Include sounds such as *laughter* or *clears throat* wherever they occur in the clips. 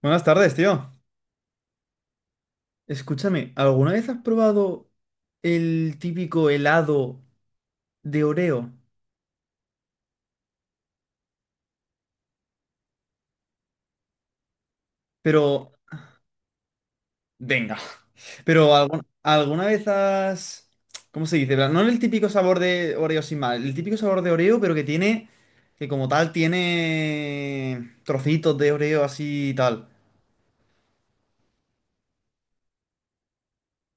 Buenas tardes, tío. Escúchame, ¿alguna vez has probado el típico helado de Oreo? Pero, venga, pero ¿alguna vez has... ¿Cómo se dice? No el típico sabor de Oreo sin mal, el típico sabor de Oreo, pero que tiene, que como tal tiene trocitos de Oreo así y tal.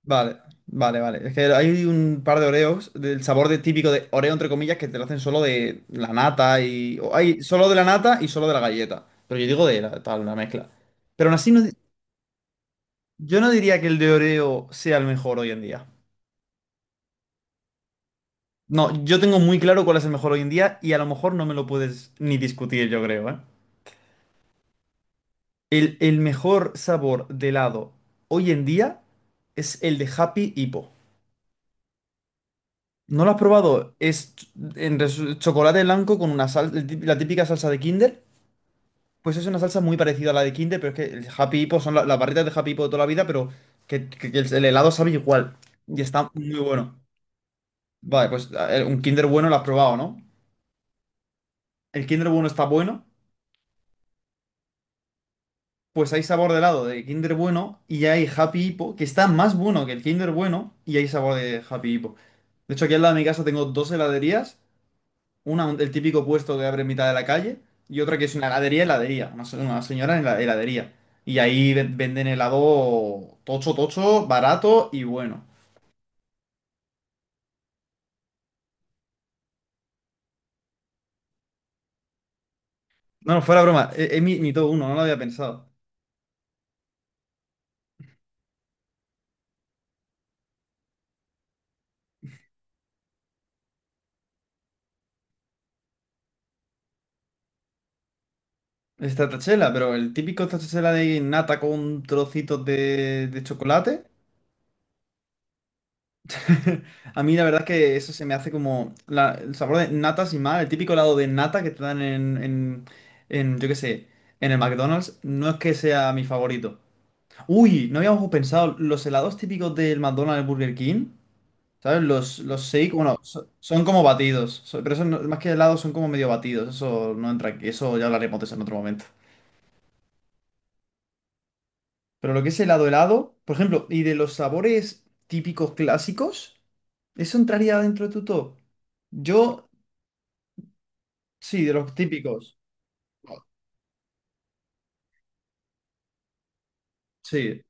Vale, vale, vale. Es que hay un par de Oreos del sabor de, típico de Oreo, entre comillas, que te lo hacen solo de la nata y... o hay solo de la nata y solo de la galleta. Pero yo digo de la, tal, una mezcla. Pero aún así, no, yo no diría que el de Oreo sea el mejor hoy en día. No, yo tengo muy claro cuál es el mejor hoy en día y a lo mejor no me lo puedes ni discutir, yo creo, ¿eh? El mejor sabor de helado hoy en día es el de Happy Hippo. ¿No lo has probado? Es ch- en resu- Chocolate blanco con una sal, la típica salsa de Kinder. Pues es una salsa muy parecida a la de Kinder, pero es que el Happy Hippo son las barritas de Happy Hippo de toda la vida, pero que el helado sabe igual. Y está muy bueno. Vale, pues a ver, un Kinder bueno lo has probado, ¿no? El Kinder bueno está bueno. Pues hay sabor de helado de Kinder bueno y hay Happy Hippo, que está más bueno que el Kinder bueno y hay sabor de Happy Hippo. De hecho, aquí al lado de mi casa tengo dos heladerías. Una, el típico puesto que abre en mitad de la calle, y otra que es una heladería, heladería, una, una señora en la heladería. Y ahí venden helado tocho, tocho, barato y bueno. No, no, fuera broma, es mi, mi top uno, no lo había pensado. Es tachela, pero el típico tachela de nata con trocitos de chocolate. *laughs* A mí la verdad es que eso se me hace como el sabor de nata sin más, el típico helado de nata que te dan en, yo qué sé, en el McDonald's, no es que sea mi favorito. Uy, no habíamos pensado. Los helados típicos del McDonald's y Burger King, ¿sabes? Los shake, bueno, son como batidos. Pero eso más que helados son como medio batidos. Eso no entra aquí. Eso ya hablaremos de eso en otro momento. Pero lo que es helado helado, por ejemplo, y de los sabores típicos clásicos, ¿eso entraría dentro de tu top? Yo, sí, de los típicos. Sí.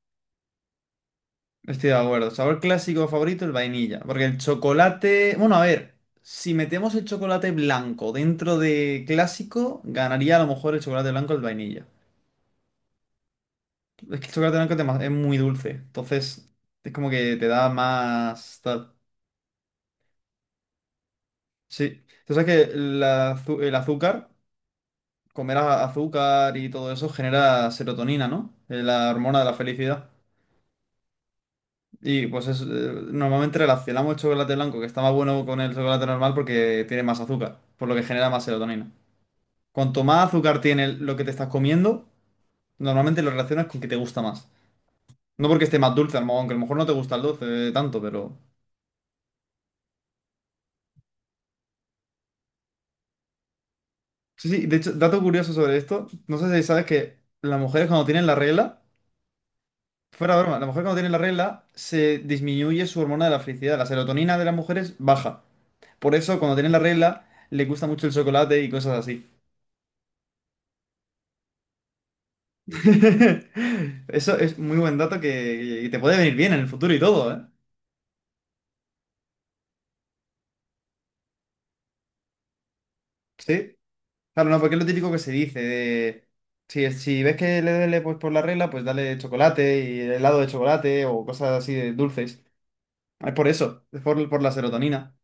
Estoy de acuerdo. Sabor clásico favorito, el vainilla. Porque el chocolate. Bueno, a ver, si metemos el chocolate blanco dentro de clásico, ganaría a lo mejor el chocolate blanco el vainilla. Es que el chocolate blanco es es muy dulce. Entonces, es como que te da más. Tal. Sí. Tú sabes que el azúcar, azúcar y todo eso genera serotonina, ¿no? La hormona de la felicidad. Y pues es, normalmente relacionamos el chocolate blanco, que está más bueno con el chocolate normal porque tiene más azúcar, por lo que genera más serotonina. Cuanto más azúcar tiene lo que te estás comiendo, normalmente lo relacionas con que te gusta más. No porque esté más dulce, a lo mejor, aunque a lo mejor no te gusta el dulce tanto, pero... Sí, sí, de hecho, dato curioso sobre esto, no sé si sabes que las mujeres cuando tienen la regla, fuera de broma, las mujeres cuando tienen la regla se disminuye su hormona de la felicidad, la serotonina de las mujeres baja. Por eso cuando tienen la regla les gusta mucho el chocolate y cosas así. *laughs* Eso es muy buen dato que te puede venir bien en el futuro y todo, ¿eh? Sí. Claro, no, porque es lo típico que se dice de... Si, si ves que le duele pues, por la regla, pues dale chocolate y helado de chocolate o cosas así de dulces. Es por eso, es por la serotonina.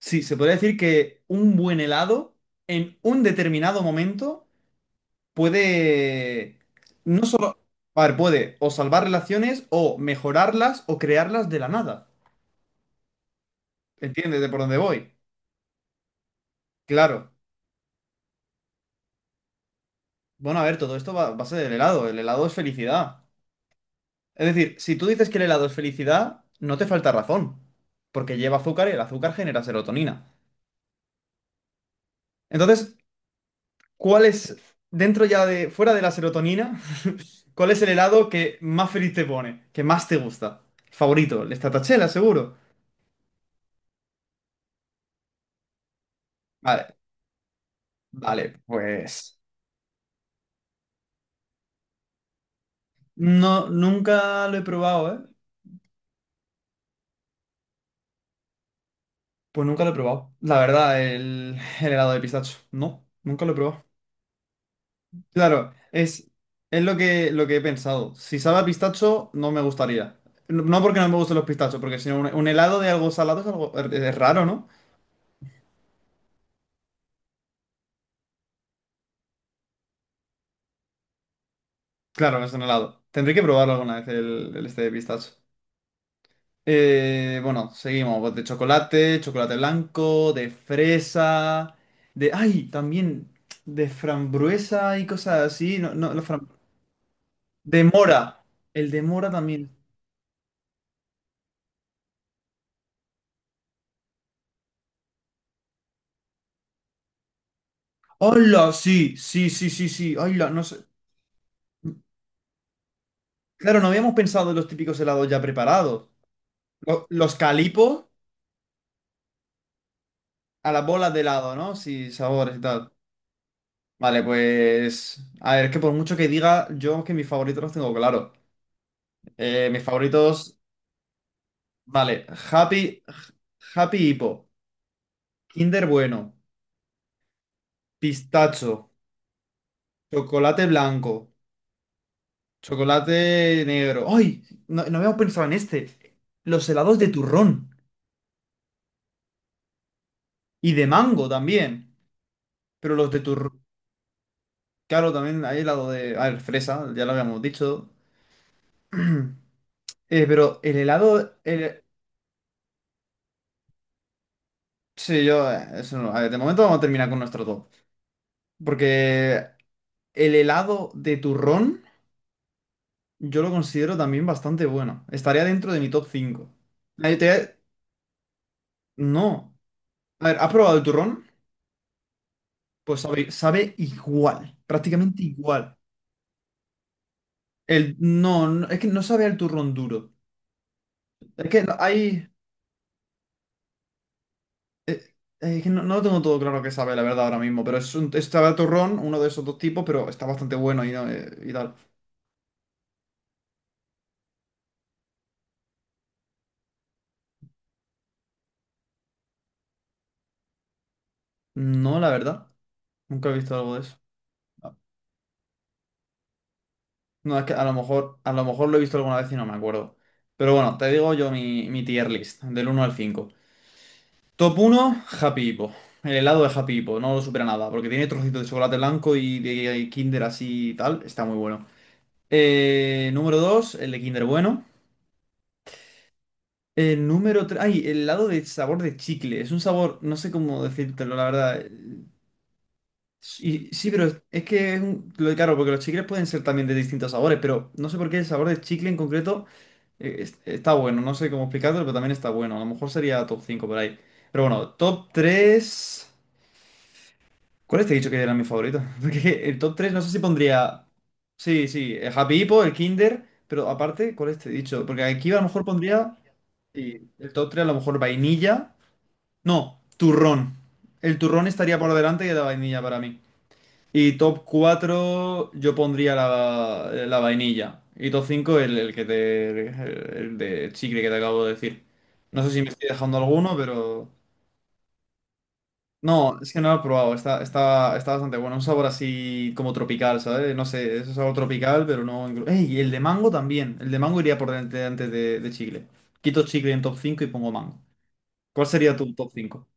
Sí, se podría decir que un buen helado en un determinado momento puede... No solo... A ver, puede o salvar relaciones o mejorarlas o crearlas de la nada. ¿Entiendes de por dónde voy? Claro. Bueno, a ver, todo esto va a ser el helado. El helado es felicidad. Es decir, si tú dices que el helado es felicidad, no te falta razón, porque lleva azúcar y el azúcar genera serotonina. Entonces, ¿cuál es, dentro ya de, fuera de la serotonina, *laughs* cuál es el helado que más feliz te pone, que más te gusta? Favorito, el stracciatella, seguro. Vale, vale, pues... No, nunca lo he probado, ¿eh? Pues nunca lo he probado. La verdad, el helado de pistacho. No, nunca lo he probado. Claro, es lo que he pensado. Si sabe a pistacho, no me gustaría. No no porque no me gusten los pistachos, porque si no, un helado de algo salado es algo es raro, ¿no? Claro, es un helado. Tendré que probarlo alguna vez el este de pistacho. Bueno, seguimos. Pues, de chocolate, chocolate blanco, de fresa, de... ¡Ay! También de frambuesa y cosas así. No, no, de mora. El de mora también. ¡Hola! Sí, sí, sí, sí, sí. ¡Hola! No sé. Claro, no habíamos pensado en los típicos helados ya preparados. Los calipos a las bolas de helado, ¿no? Sí, sabores y tal. Vale, pues. A ver, es que por mucho que diga, yo que mis favoritos los tengo claro. Mis favoritos. Vale, Happy, Happy Hippo, Kinder Bueno, pistacho, chocolate blanco, chocolate negro. ¡Ay! No, no habíamos pensado en este. Los helados de turrón y de mango también. Pero los de turrón. Claro, también hay helado de. A ver, fresa, ya lo habíamos dicho. *clears throat* Pero el helado. El... Sí, yo. Eso no. A ver, de momento vamos a terminar con nuestro top. Porque el helado de turrón, yo lo considero también bastante bueno. Estaría dentro de mi top 5. Ahí te- No. A ver, ¿has probado el turrón? Pues sabe, sabe igual. Prácticamente igual. El... No, no, es que no sabe al turrón duro. Es que hay. eh, que no, no lo tengo todo claro que sabe, la verdad, ahora mismo, pero es un es sabe a turrón, uno de esos dos tipos, pero está bastante bueno y, no, y tal. No, la verdad, nunca he visto algo de eso. Ah, no, es que a lo mejor lo he visto alguna vez y no me acuerdo. Pero bueno, te digo yo mi, mi tier list, del uno al cinco. Top uno Happy Hippo. El helado de Happy Hippo, no lo supera nada, porque tiene trocitos de chocolate blanco y de Kinder así y tal, está muy bueno. Número 2 el de Kinder bueno. El número 3, ay, el lado de sabor de chicle. Es un sabor, no sé cómo decírtelo, la verdad. Sí, sí, pero es que es un, lo de claro, porque los chicles pueden ser también de distintos sabores, pero no sé por qué el sabor de chicle en concreto está bueno. No sé cómo explicarlo, pero también está bueno. A lo mejor sería top 5 por ahí. Pero bueno, top 3, ¿cuál te he dicho que era mi favorito? *laughs* Porque el top 3 no sé si pondría. Sí, sí, el Happy Hippo, el Kinder. Pero aparte, ¿cuál te he dicho? Porque aquí a lo mejor pondría. Sí, el top 3 a lo mejor vainilla. No, turrón. El turrón estaría por delante que la vainilla para mí. Y top 4 yo pondría la, la vainilla. Y top 5 el que te, el de chicle que te acabo de decir. No sé si me estoy dejando alguno, pero... No, es que no lo he probado. Está, está, está bastante bueno. Un sabor así como tropical, ¿sabes? No sé, es un sabor tropical, pero no... ¡Ey! Y el de mango también. El de mango iría por delante antes de chicle. Quito chicle en top 5 y pongo mango. ¿Cuál sería tu top cinco?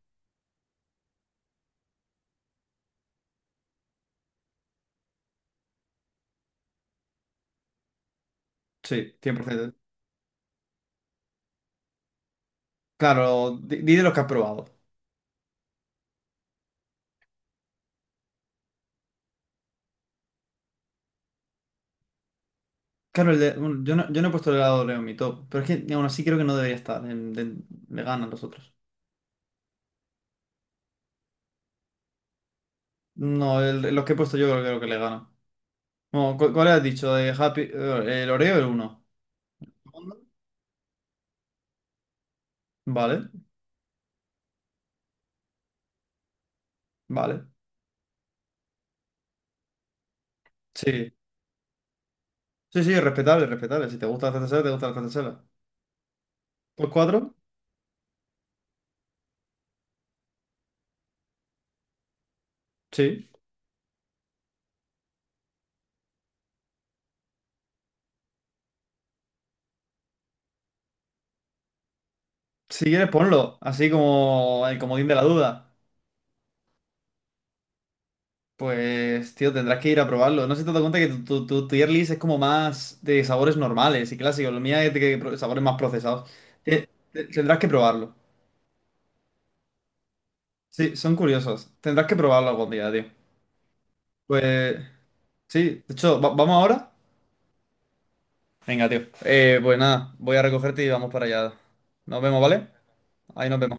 Sí, cien por ciento. Claro, di, di de los que has probado. Claro, el de- bueno, yo no, yo no he puesto el helado de Oreo en mi top, pero es que aún así creo que no debería estar. Le ganan los otros. No, el- los que he puesto yo creo que lo que le ganan. No, ¿cuál, has dicho? De Happy, el Oreo el uno. Vale, vale. Sí. Sí, sí, respetable, respetable. Si te gusta la TTSL, te gusta la TTSL. ¿Pues cuatro. Sí. Si quieres, ponlo. Así como el comodín de la duda. Pues, tío, tendrás que ir a probarlo. No sé si te das cuenta que tu, tu tier list es como más de sabores normales y clásicos. Lo mía es de que sabores más procesados. Tendrás que probarlo. Sí, son curiosos. Tendrás que probarlo algún día, tío. Pues, sí. De hecho, ¿vamos ahora? Venga, tío. Pues nada, voy a recogerte y vamos para allá. Nos vemos, ¿vale? Ahí nos vemos.